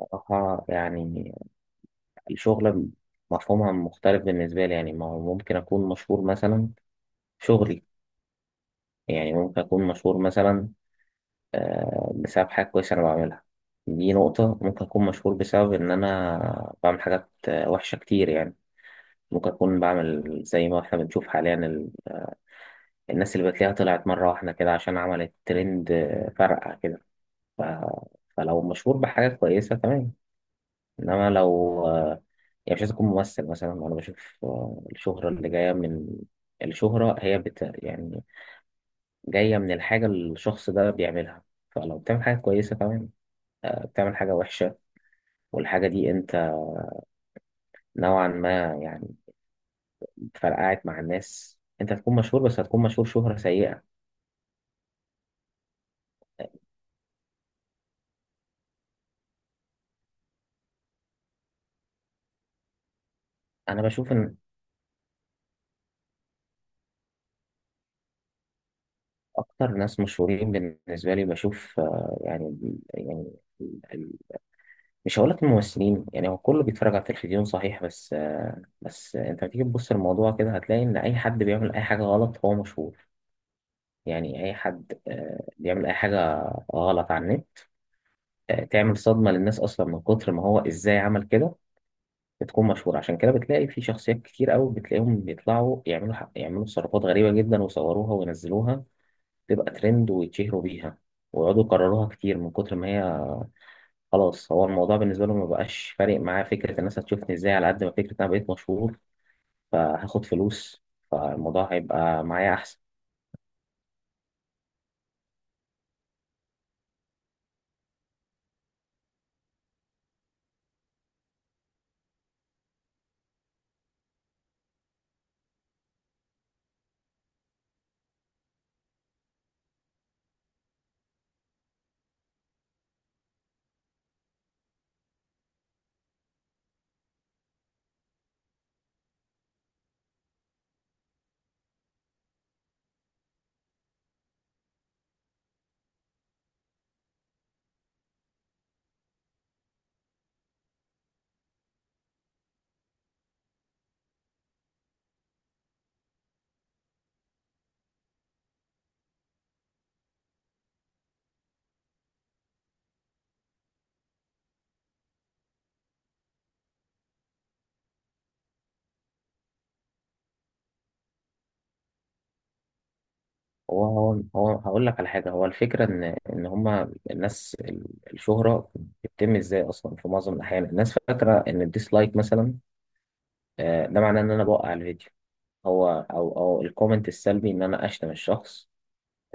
بصراحة يعني الشغل مفهومها مختلف بالنسبة لي. يعني ما هو ممكن أكون مشهور مثلا في شغلي، يعني ممكن أكون مشهور مثلا بسبب حاجة كويسة أنا بعملها. دي نقطة. ممكن أكون مشهور بسبب إن أنا بعمل حاجات وحشة كتير يعني. ممكن أكون بعمل زي ما إحنا بنشوف حاليا الناس اللي بتلاقيها طلعت مرة واحدة كده عشان عملت ترند فرقع كده. ف... فلو مشهور بحاجة كويسة، تمام، انما لو يعني مش عايز اكون ممثل مثلا، انا بشوف الشهرة اللي جاية من، الشهرة هي بت يعني جاية من الحاجة اللي الشخص ده بيعملها. فلو بتعمل حاجة كويسة، تمام، بتعمل حاجة وحشة والحاجة دي انت نوعا ما يعني فرقعت مع الناس، انت هتكون مشهور بس هتكون مشهور شهرة سيئة. انا بشوف ان اكتر ناس مشهورين بالنسبة لي بشوف يعني، يعني مش هقولك الممثلين يعني، هو كله بيتفرج على التلفزيون صحيح، بس انت بتيجي تبص الموضوع كده هتلاقي ان اي حد بيعمل اي حاجه غلط هو مشهور. يعني اي حد بيعمل اي حاجه غلط على النت، تعمل صدمه للناس اصلا من كتر ما هو ازاي عمل كده، بتكون مشهور. عشان كده بتلاقي في شخصيات كتير قوي بتلاقيهم بيطلعوا يعملوا يعملوا تصرفات غريبه جدا ويصوروها وينزلوها، تبقى ترند ويتشهروا بيها ويقعدوا يكرروها كتير. من كتر ما هي، خلاص، هو الموضوع بالنسبة له ما بقاش فارق معاه فكرة الناس هتشوفني ازاي على قد ما فكرة انا بقيت مشهور فهاخد فلوس، فالموضوع هيبقى معايا احسن. هو هقول لك على حاجة. هو الفكرة ان ان هما الناس الشهرة بتتم ازاي اصلا؟ في معظم الاحيان الناس فاكرة ان الديسلايك مثلا، ده معناه ان انا بوقع الفيديو، هو او الكومنت السلبي ان انا اشتم الشخص،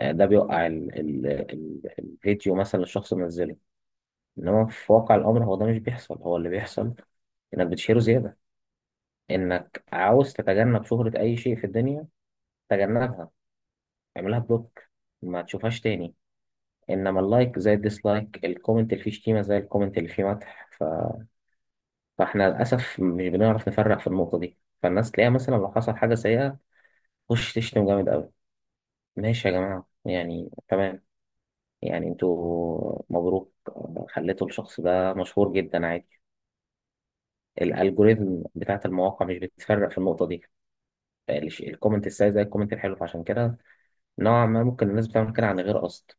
ده بيوقع ال الفيديو مثلا الشخص منزله. انما في واقع الامر هو ده مش بيحصل. هو اللي بيحصل انك بتشيله زياده. انك عاوز تتجنب شهرة اي شيء في الدنيا، تجنبها، اعملها بلوك، ما تشوفهاش تاني. انما اللايك زي الديسلايك، الكومنت اللي فيه شتيمة زي الكومنت اللي فيه مدح. فاحنا للاسف مش بنعرف نفرق في النقطة دي. فالناس تلاقيها مثلا لو حصل حاجة سيئة، خش تشتم جامد قوي. ماشي يا جماعة، يعني تمام، يعني انتوا مبروك، خليتوا الشخص ده مشهور جدا، عادي. الالجوريزم بتاعت المواقع مش بتفرق في النقطه دي، الكومنت السيء زي الكومنت الحلو. فعشان كده نوعا ما ممكن الناس بتعمل كده عن غير قصد.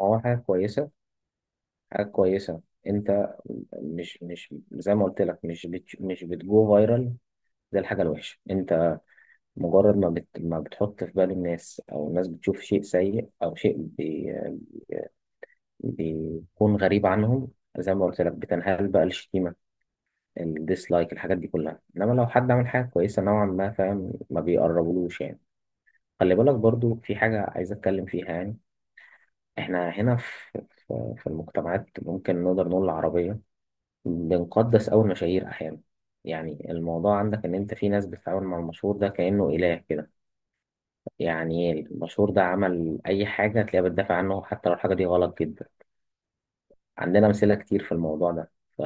هو حاجه كويسه، حاجه كويسه، انت مش زي ما قلت لك، مش بتجو فايرال زي الحاجه الوحشه. انت مجرد ما ما بتحط في بال الناس، او الناس بتشوف شيء سيء او شيء بيكون غريب عنهم، زي ما قلت لك، بتنهال بقى الشتيمه، الديسلايك، الحاجات دي كلها. انما لو حد عمل حاجه كويسه نوعا ما، فاهم، ما بيقربلوش يعني. خلي بالك برضو في حاجة عايز أتكلم فيها يعني. إحنا هنا في في المجتمعات ممكن نقدر نقول العربية، بنقدس أوي المشاهير أحيانا. يعني الموضوع عندك إن أنت في ناس بتتعامل مع المشهور ده كأنه إله كده، يعني إيه؟ المشهور ده عمل أي حاجة تلاقيها بتدافع عنه حتى لو الحاجة دي غلط جدا. عندنا أمثلة كتير في الموضوع ده. ف...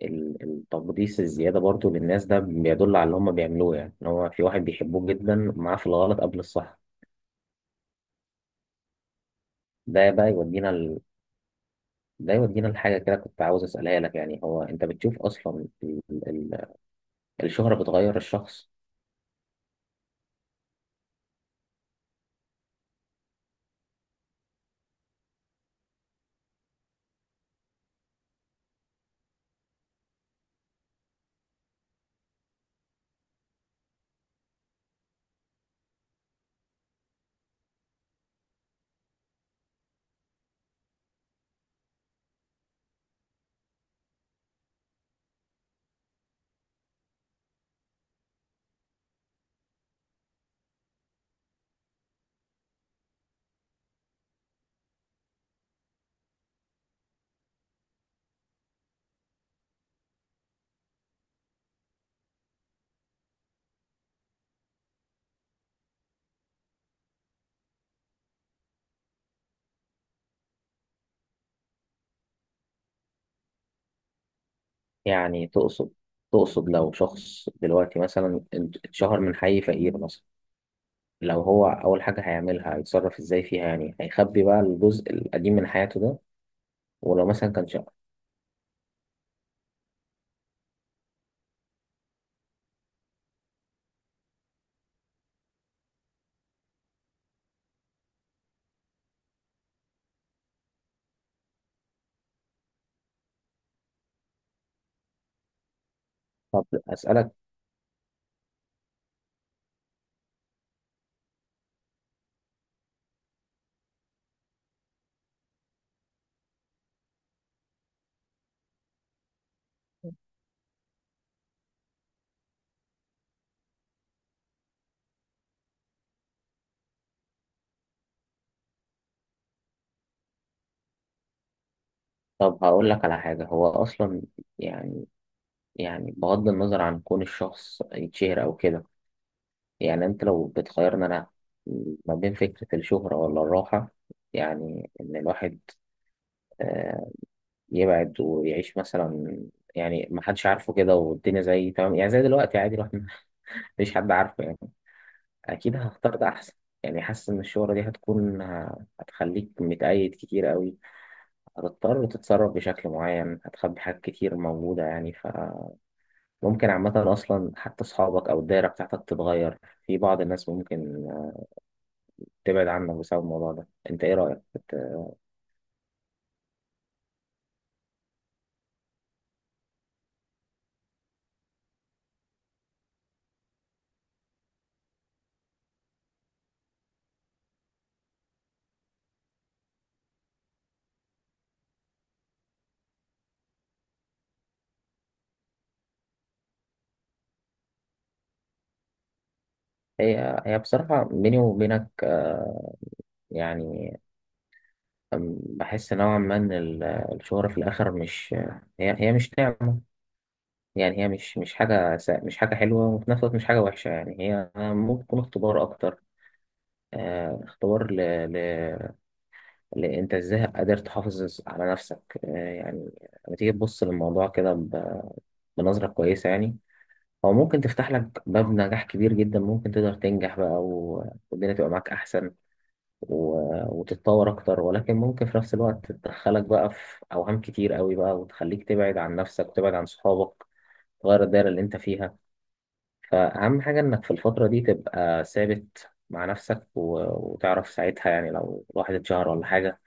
فالتقديس الزيادة برضو للناس ده بيدل على اللي هم بيعملوه، يعني إن هو في واحد بيحبوه جدا معاه في الغلط قبل الصح. ده بقى يودينا، ده يودينا لحاجة كده كنت عاوز أسألها لك. يعني هو أنت بتشوف أصلا ال- الشهرة بتغير الشخص؟ يعني تقصد، تقصد لو شخص دلوقتي مثلا اتشهر من حي فقير مثلا، لو هو أول حاجة هيعملها هيتصرف إزاي فيها؟ يعني هيخبي بقى الجزء القديم من حياته ده؟ ولو مثلا كان شهر، طب أسألك، طب هقول لك على حاجة. هو أصلا يعني، يعني بغض النظر عن كون الشخص يتشهر أو كده، يعني انت لو بتخيرني انا ما بين فكرة الشهرة ولا الراحة، يعني ان الواحد آه، يبعد ويعيش مثلا، يعني ما حدش عارفه كده والدنيا زي تمام، يعني زي دلوقتي عادي الواحد مفيش حد عارفه يعني، اكيد هختار ده احسن. يعني حاسس ان الشهرة دي هتكون، هتخليك متقيد كتير قوي، هتضطر تتصرف بشكل معين، هتخبي حاجات كتير موجودة يعني، فممكن عامة اصلا حتى اصحابك او الدايرة بتاعتك تتغير، في بعض الناس ممكن تبعد عنك بسبب الموضوع ده. انت ايه رأيك هي بصراحة بيني وبينك يعني، بحس نوعا ما ان الشهرة في الاخر مش، هي مش نعمة يعني، هي مش حاجة مش حاجة حلوة، وفي نفس الوقت مش حاجة وحشة، يعني هي ممكن تكون اختبار اكتر. اختبار ل... انت ازاي قادر تحافظ على نفسك؟ يعني لما تيجي تبص للموضوع كده بنظرة كويسة يعني، او ممكن تفتح لك باب نجاح كبير جدا، ممكن تقدر تنجح بقى والدنيا تبقى معاك احسن وتتطور اكتر. ولكن ممكن في نفس الوقت تدخلك بقى في اوهام كتير قوي بقى، وتخليك تبعد عن نفسك وتبعد عن صحابك، تغير الدايرة اللي انت فيها. فاهم، حاجة انك في الفترة دي تبقى ثابت مع نفسك وتعرف ساعتها يعني لو الواحد اتشهر ولا حاجة،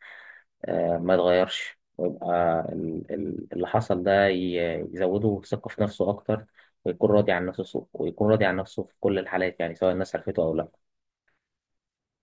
ما يتغيرش، ويبقى اللي حصل ده يزوده ثقة في نفسه أكتر، ويكون راضي عن نفسه، ويكون راضي عن نفسه في كل الحالات يعني سواء الناس عرفته أو لا